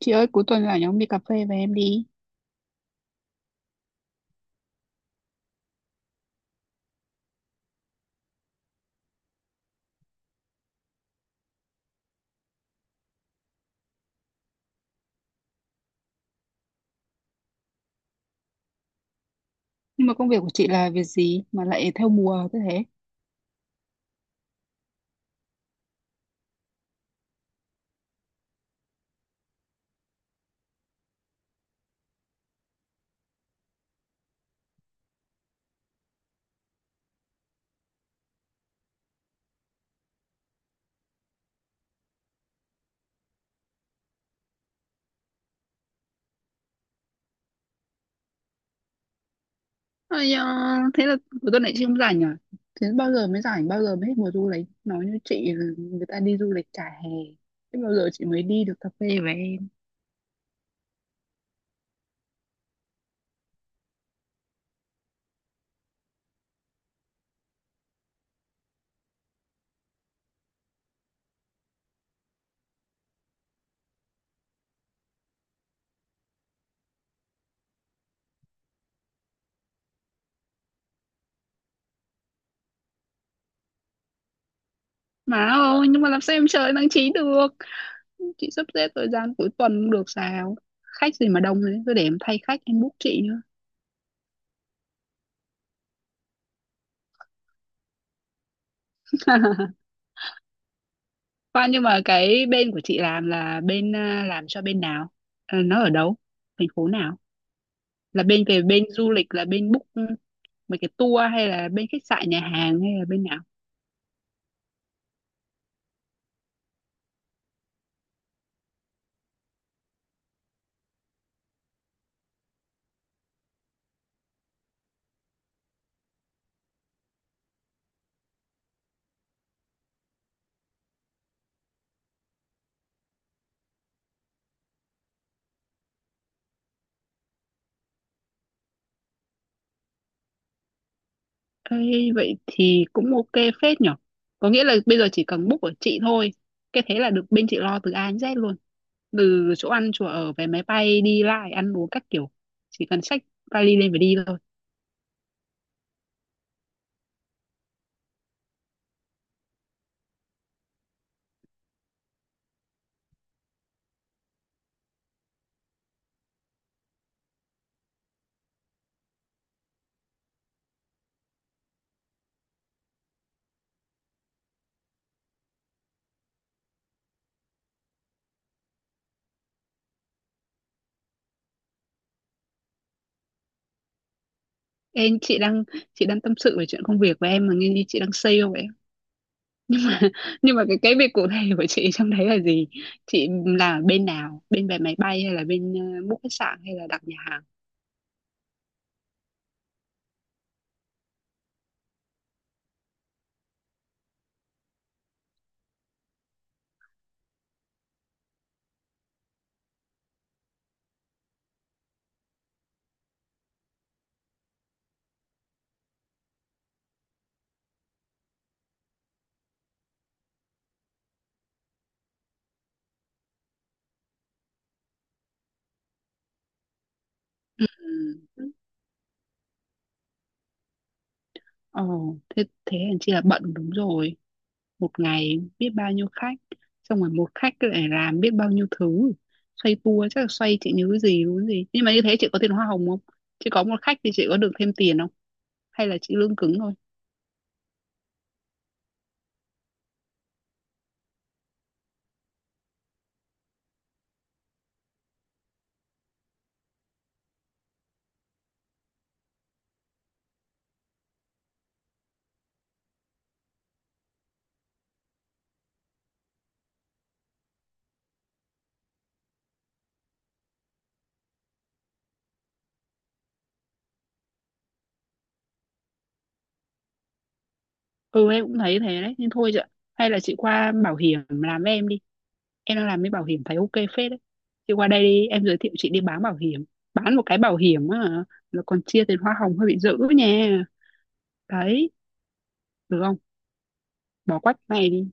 Chị ơi, cuối tuần rảnh ông đi cà phê với em đi. Nhưng mà công việc của chị là việc gì mà lại theo mùa thế thế? Ây da, thế là cuối tuần này chị không rảnh à? Thế bao giờ mới rảnh, bao giờ mới hết mùa du lịch? Nói như chị là người ta đi du lịch cả hè. Thế bao giờ chị mới đi được cà phê với em? Mà ôi, nhưng mà làm sao em chờ tháng 9 được? Chị sắp xếp thời gian cuối tuần không được sao? Khách gì mà đông thế, cứ để em thay khách, em book chị nữa. Khoan, nhưng mà cái bên của chị làm là bên à, làm cho bên nào? Ờ, nó ở đâu? Thành phố nào? Là bên về bên du lịch, là bên book mấy cái tour hay là bên khách sạn nhà hàng hay là bên nào? Ê, vậy thì cũng ok phết nhở, có nghĩa là bây giờ chỉ cần book của chị thôi, cái thế là được, bên chị lo từ A đến Z luôn, từ chỗ ăn chỗ ở vé máy bay đi lại ăn uống các kiểu, chỉ cần xách vali lên và đi thôi. em chị đang chị đang tâm sự về chuyện công việc của em mà nghe như chị đang sale vậy. Nhưng mà cái việc cụ thể của chị trong đấy là gì? Chị là bên nào, bên vé máy bay hay là bên book khách sạn hay là đặt nhà hàng? Ừ. Ờ, thế hèn chi là bận đúng rồi. Một ngày biết bao nhiêu khách. Xong rồi một khách lại làm biết bao nhiêu thứ. Xoay tua chắc là xoay chị nhớ gì đúng gì. Nhưng mà như thế chị có tiền hoa hồng không? Chị có một khách thì chị có được thêm tiền không? Hay là chị lương cứng thôi? Ừ, em cũng thấy thế đấy. Nhưng thôi chị ạ. Hay là chị qua bảo hiểm làm với em đi. Em đang làm với bảo hiểm thấy ok phết đấy. Chị qua đây đi. Em giới thiệu chị đi bán bảo hiểm. Bán một cái bảo hiểm á, là còn chia tiền hoa hồng hơi bị dữ nha. Đấy. Được không? Bỏ quách này đi.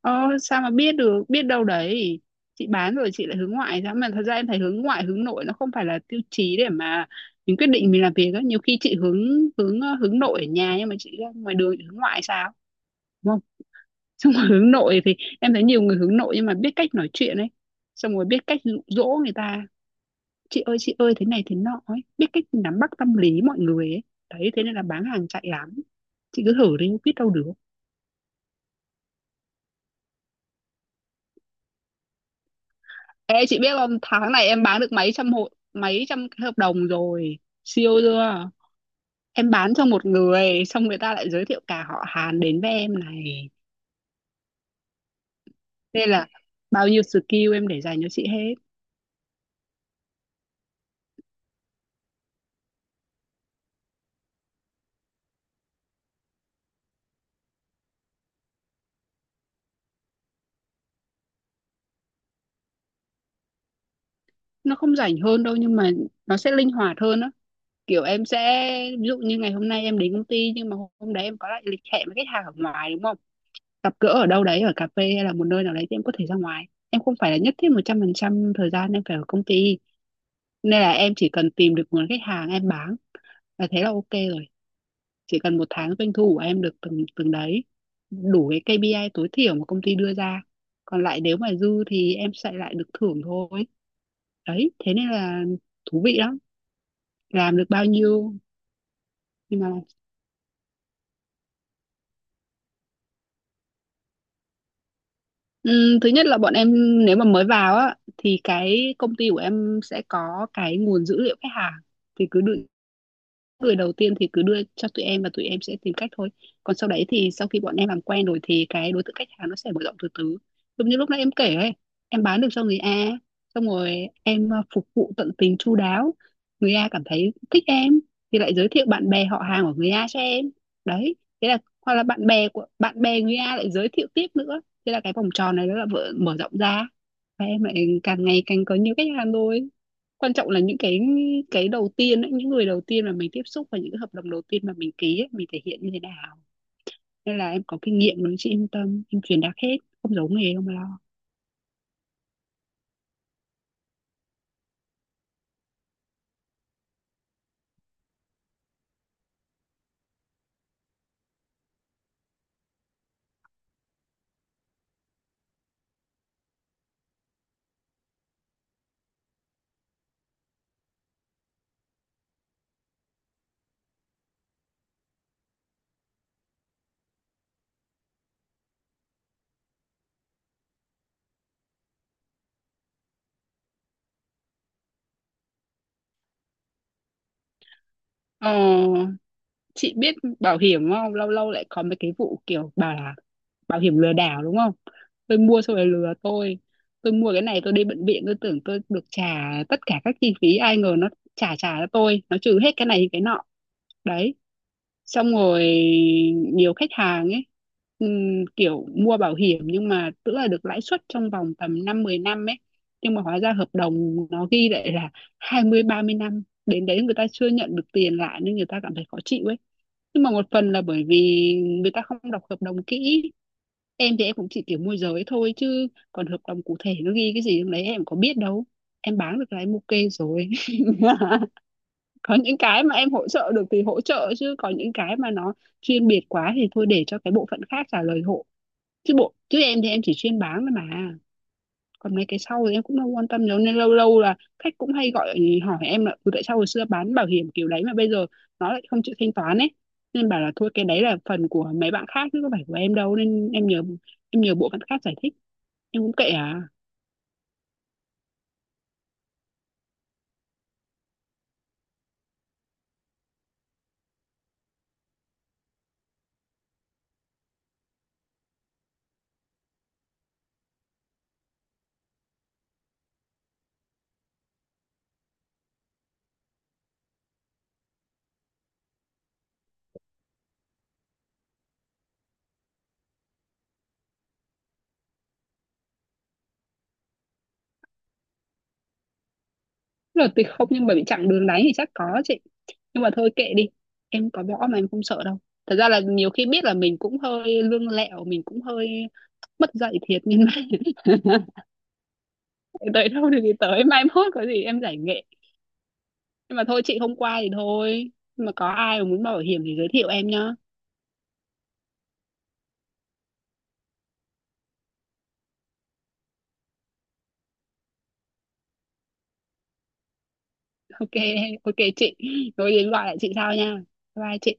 Ơ sao mà biết được, biết đâu đấy chị bán rồi chị lại hướng ngoại ra mà. Thật ra em thấy hướng ngoại hướng nội nó không phải là tiêu chí để mà mình quyết định mình làm việc á. Nhiều khi chị hướng hướng hướng nội ở nhà nhưng mà chị ra ngoài đường chị hướng ngoại sao, đúng không? Xong rồi hướng nội thì em thấy nhiều người hướng nội nhưng mà biết cách nói chuyện ấy, xong rồi biết cách dụ dỗ người ta, chị ơi thế này thế nọ ấy, biết cách nắm bắt tâm lý mọi người ấy, đấy thế nên là bán hàng chạy lắm, chị cứ thử đi biết đâu được. Ê chị biết không, tháng này em bán được mấy trăm hộ, mấy trăm cái hợp đồng rồi, siêu chưa? Em bán cho một người xong người ta lại giới thiệu cả họ Hàn đến với em này, nên là bao nhiêu skill em để dành cho chị hết. Nó không rảnh hơn đâu nhưng mà nó sẽ linh hoạt hơn á, kiểu em sẽ ví dụ như ngày hôm nay em đến công ty nhưng mà hôm đấy em có lại lịch hẹn với khách hàng ở ngoài đúng không, gặp gỡ ở đâu đấy ở cà phê hay là một nơi nào đấy thì em có thể ra ngoài, em không phải là nhất thiết 100% thời gian em phải ở công ty, nên là em chỉ cần tìm được nguồn khách hàng em bán và thế là ok rồi, chỉ cần một tháng doanh thu của em được từng từng đấy, đủ cái KPI tối thiểu mà công ty đưa ra, còn lại nếu mà dư thì em sẽ lại được thưởng thôi, đấy thế nên là thú vị lắm. Làm được bao nhiêu. Nhưng mà thứ nhất là bọn em, nếu mà mới vào á thì cái công ty của em sẽ có cái nguồn dữ liệu khách hàng, thì cứ định người đầu tiên thì cứ đưa cho tụi em và tụi em sẽ tìm cách thôi. Còn sau đấy thì sau khi bọn em làm quen rồi thì cái đối tượng khách hàng nó sẽ mở rộng từ từ, giống như lúc nãy em kể ấy, em bán được cho người A, xong rồi em phục vụ tận tình chu đáo, người A cảm thấy thích em thì lại giới thiệu bạn bè họ hàng của người A cho em, đấy thế là hoặc là bạn bè của bạn bè người A lại giới thiệu tiếp nữa, thế là cái vòng tròn này nó là mở rộng ra và em lại càng ngày càng có nhiều khách hàng thôi. Quan trọng là những cái đầu tiên ấy, những người đầu tiên mà mình tiếp xúc và những cái hợp đồng đầu tiên mà mình ký ấy, mình thể hiện như thế nào, nên là em có kinh nghiệm rồi chị yên tâm, em truyền đạt hết không giấu nghề không lo. Ờ, chị biết bảo hiểm không, lâu lâu lại có mấy cái vụ kiểu bảo là bảo hiểm lừa đảo đúng không, tôi mua xong rồi lừa tôi mua cái này tôi đi bệnh viện tôi tưởng tôi được trả tất cả các chi phí, ai ngờ nó trả trả cho tôi nó trừ hết cái này cái nọ, đấy. Xong rồi nhiều khách hàng ấy, kiểu mua bảo hiểm nhưng mà tức là được lãi suất trong vòng tầm 5-10 năm ấy, nhưng mà hóa ra hợp đồng nó ghi lại là 20-30 năm, đến đấy người ta chưa nhận được tiền lại nên người ta cảm thấy khó chịu ấy. Nhưng mà một phần là bởi vì người ta không đọc hợp đồng kỹ. Em thì em cũng chỉ kiểu môi giới thôi chứ còn hợp đồng cụ thể nó ghi cái gì trong đấy em có biết đâu, em bán được là em ok rồi. Có những cái mà em hỗ trợ được thì hỗ trợ, chứ có những cái mà nó chuyên biệt quá thì thôi để cho cái bộ phận khác trả lời hộ, chứ em thì em chỉ chuyên bán thôi mà, còn mấy cái sau thì em cũng không quan tâm nhiều nên lâu lâu là khách cũng hay gọi ừ, hỏi em là "Ừ, tại sao hồi xưa bán bảo hiểm kiểu đấy mà bây giờ nó lại không chịu thanh toán ấy", nên bảo là thôi cái đấy là phần của mấy bạn khác chứ có phải của em đâu, nên em nhờ bộ phận khác giải thích em cũng kệ à. Là tuyệt không nhưng mà bị chặn đường đánh thì chắc có chị, nhưng mà thôi kệ đi, em có võ mà em không sợ đâu. Thật ra là nhiều khi biết là mình cũng hơi lương lẹo, mình cũng hơi mất dạy thiệt nhưng mà tới đâu thì tới, mai mốt có gì em giải nghệ. Nhưng mà thôi chị không qua thì thôi, nhưng mà có ai mà muốn bảo hiểm thì giới thiệu em nhá. Ok, ok chị, rồi đến gọi lại chị sau nha, bye bye chị.